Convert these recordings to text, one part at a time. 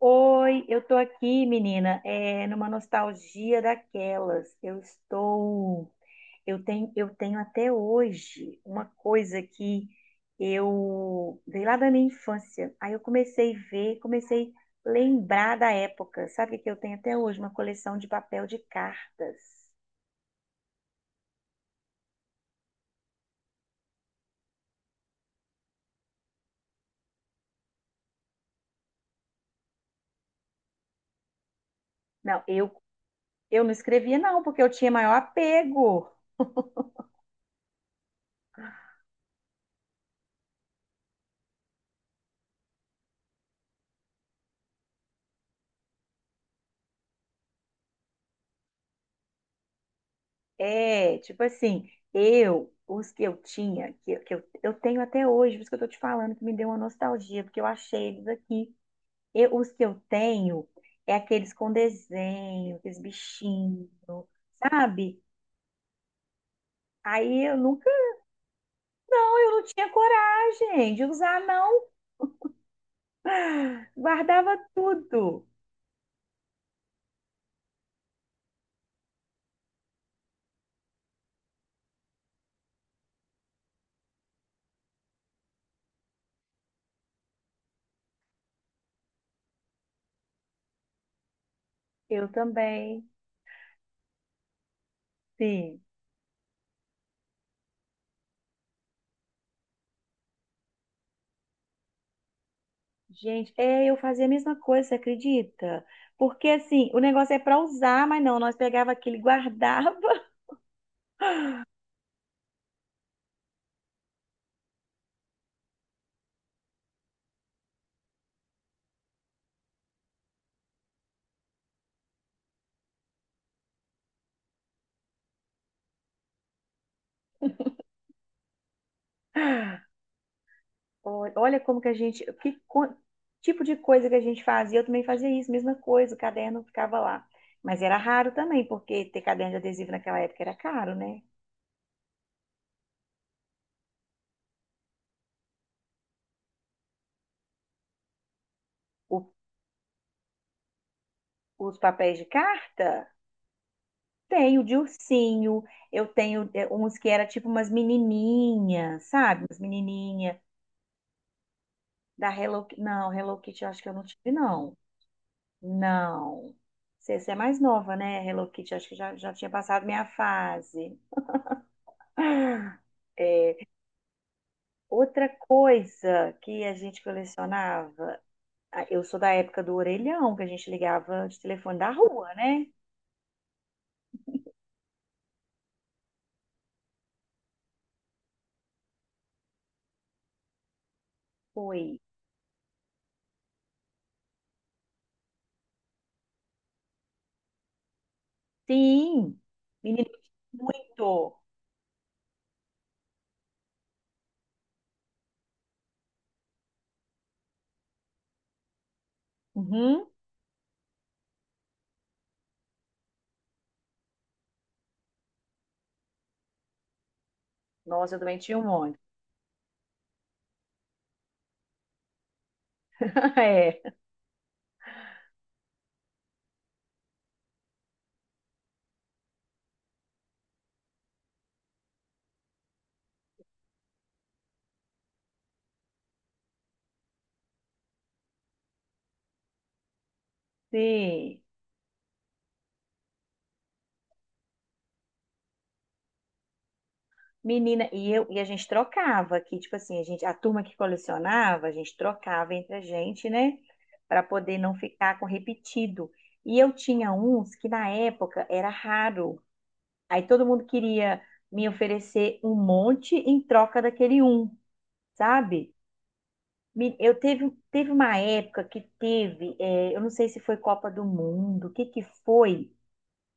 Oi, eu tô aqui, menina, numa nostalgia daquelas. Eu tenho até hoje uma coisa que eu veio lá da minha infância. Aí eu comecei a ver, comecei a lembrar da época. Sabe o que eu tenho até hoje? Uma coleção de papel de cartas. Não, eu não escrevia não, porque eu tinha maior apego. Tipo assim, eu, os que eu tinha, que eu tenho até hoje, por isso que eu tô te falando, que me deu uma nostalgia, porque eu achei eles aqui. Eu, os que eu tenho é aqueles com desenho, aqueles bichinhos, sabe? Aí eu nunca, não, eu não tinha coragem de usar, não. Guardava tudo. Eu também, sim. Gente, eu fazia a mesma coisa, você acredita? Porque assim, o negócio é pra usar, mas não, nós pegava aquilo e guardava. Olha como que a gente, tipo de coisa que a gente fazia, eu também fazia isso, mesma coisa, o caderno ficava lá. Mas era raro também, porque ter caderno de adesivo naquela época era caro, né? O- os papéis de carta, tenho de ursinho, eu tenho uns que era tipo umas menininhas, sabe? Umas menininha da Hello Kitty. Não, Hello Kitty eu acho que eu não tive, não. Não. Você é mais nova, né? Hello Kitty, acho que já tinha passado minha fase. Outra coisa que a gente colecionava, ah, eu sou da época do orelhão, que a gente ligava de telefone da rua, né? Foi. Sim, menino, muito. Uhum. Nossa, eu também tinha um monte. É, sim. Menina, e eu e a gente trocava aqui, tipo assim, a gente, a turma que colecionava, a gente trocava entre a gente, né? Para poder não ficar com repetido. E eu tinha uns que na época era raro. Aí todo mundo queria me oferecer um monte em troca daquele um, sabe? Teve uma época que teve, eu não sei se foi Copa do Mundo, o que que foi,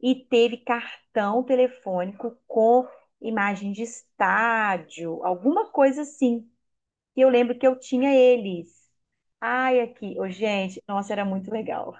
e teve cartão telefônico com imagem de estádio, alguma coisa assim. E eu lembro que eu tinha eles. Ai, aqui, ô, gente, nossa, era muito legal.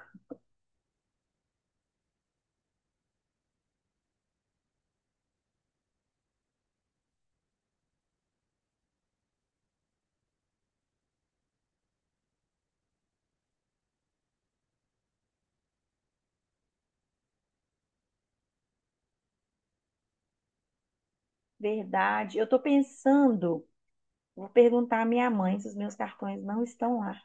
Verdade. Eu tô pensando, vou perguntar à minha mãe se os meus cartões não estão lá.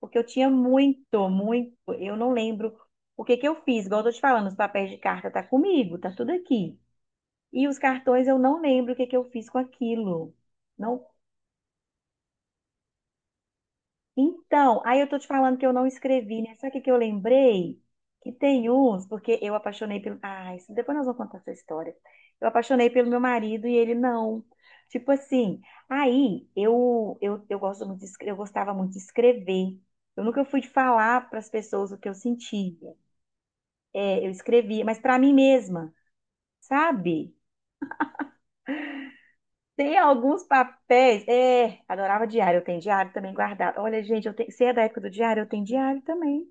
Porque eu tinha muito, muito. Eu não lembro o que que eu fiz. Igual eu tô te falando, os papéis de carta tá comigo, tá tudo aqui. E os cartões eu não lembro o que que eu fiz com aquilo. Não. Então, aí eu tô te falando que eu não escrevi, né? Sabe o que que eu lembrei? Que tem uns, porque eu apaixonei pelo. Ah, isso... depois nós vamos contar essa história. Eu apaixonei pelo meu marido e ele não. Tipo assim, aí eu gosto muito de, eu gostava muito de escrever. Eu nunca fui de falar para as pessoas o que eu sentia. Eu escrevia, mas para mim mesma, sabe? Tem alguns papéis. É, adorava diário, eu tenho diário também guardado. Olha, gente, eu tenho, você é da época do diário? Eu tenho diário também.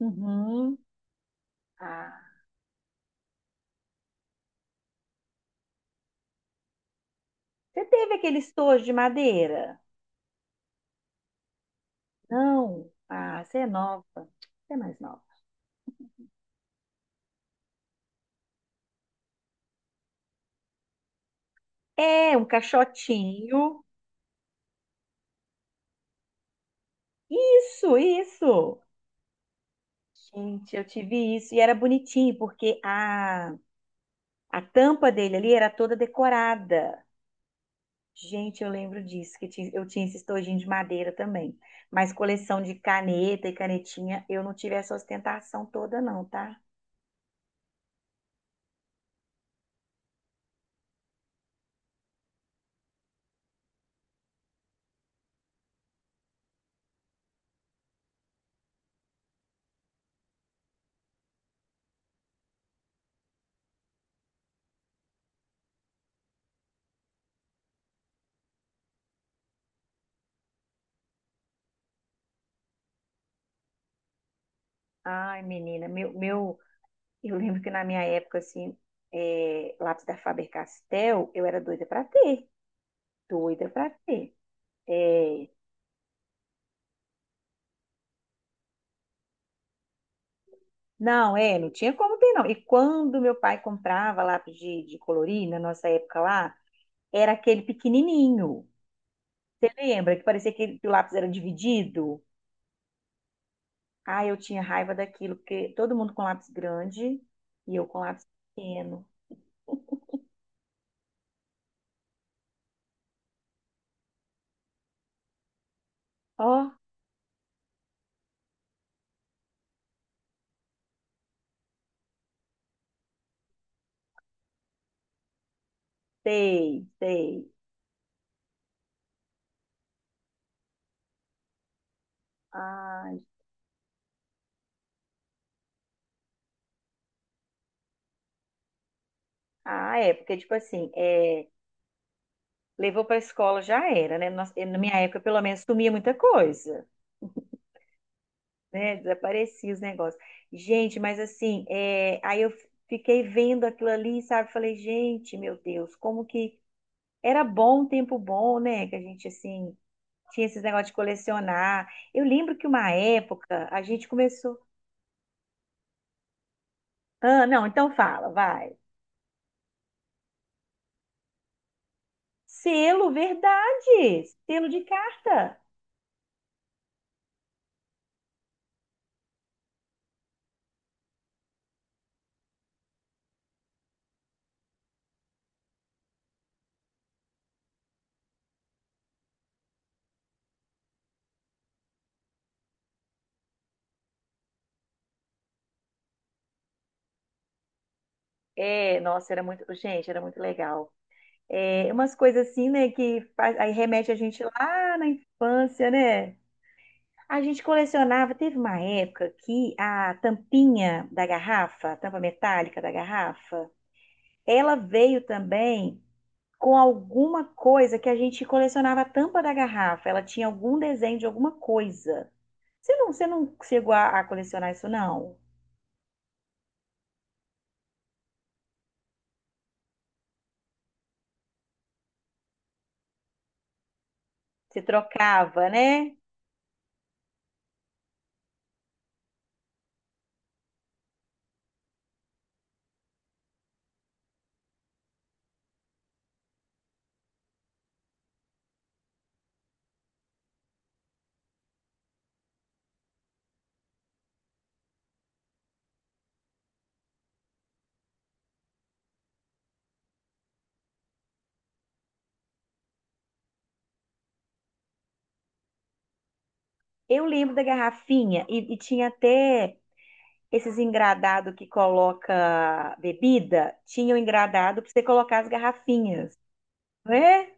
Uhum. Ah, você teve aquele estojo de madeira? Não. Ah, você é nova. Você é mais nova. É, um caixotinho. Isso, isso. Gente, eu tive isso e era bonitinho, porque a tampa dele ali era toda decorada. Gente, eu lembro disso, eu tinha esse estojinho de madeira também. Mas coleção de caneta e canetinha, eu não tive essa ostentação toda, não, tá? Ai, menina, eu lembro que na minha época, assim, lápis da Faber-Castell, eu era doida pra ter, doida pra ter. É, não tinha como ter, não. E quando meu pai comprava lápis de colorir, na nossa época lá, era aquele pequenininho. Você lembra que parecia que o lápis era dividido? Ah, eu tinha raiva daquilo, porque todo mundo com lápis grande e eu com lápis pequeno. Ó, sei, sei. Ai, ah, é, porque, tipo assim, levou pra escola já era, né? Nossa, na minha época, pelo menos, sumia muita coisa, né? Desaparecia os negócios. Gente, mas assim, aí eu fiquei vendo aquilo ali, sabe? Falei, gente, meu Deus, como que era bom, um tempo bom, né? Que a gente, assim, tinha esses negócios de colecionar. Eu lembro que uma época a gente começou. Ah, não, então fala, vai. Selo, verdade. Selo de carta. É, nossa, era muito, gente, era muito legal. É, umas coisas assim, né, aí remete a gente lá na infância, né? A gente colecionava, teve uma época que a tampinha da garrafa, a tampa metálica da garrafa, ela veio também com alguma coisa que a gente colecionava a tampa da garrafa. Ela tinha algum desenho de alguma coisa. Você não chegou a colecionar isso, não? Se trocava, né? Eu lembro da garrafinha e tinha até esses engradado que coloca bebida, tinha o engradado para você colocar as garrafinhas, não é?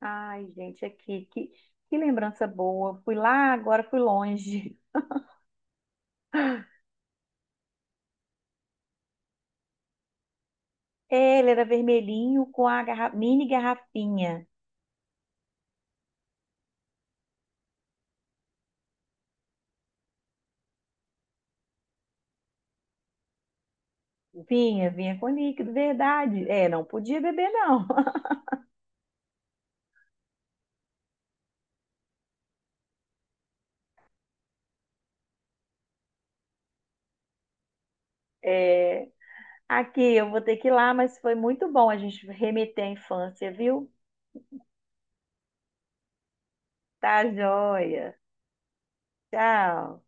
Ai, gente, aqui, que lembrança boa. Fui lá, agora fui longe. É, ele era vermelhinho com a mini garrafinha. Vinha, vinha com líquido, verdade. É, não podia beber, não. É, aqui eu vou ter que ir lá, mas foi muito bom a gente remeter à infância, viu? Tá joia. Tchau.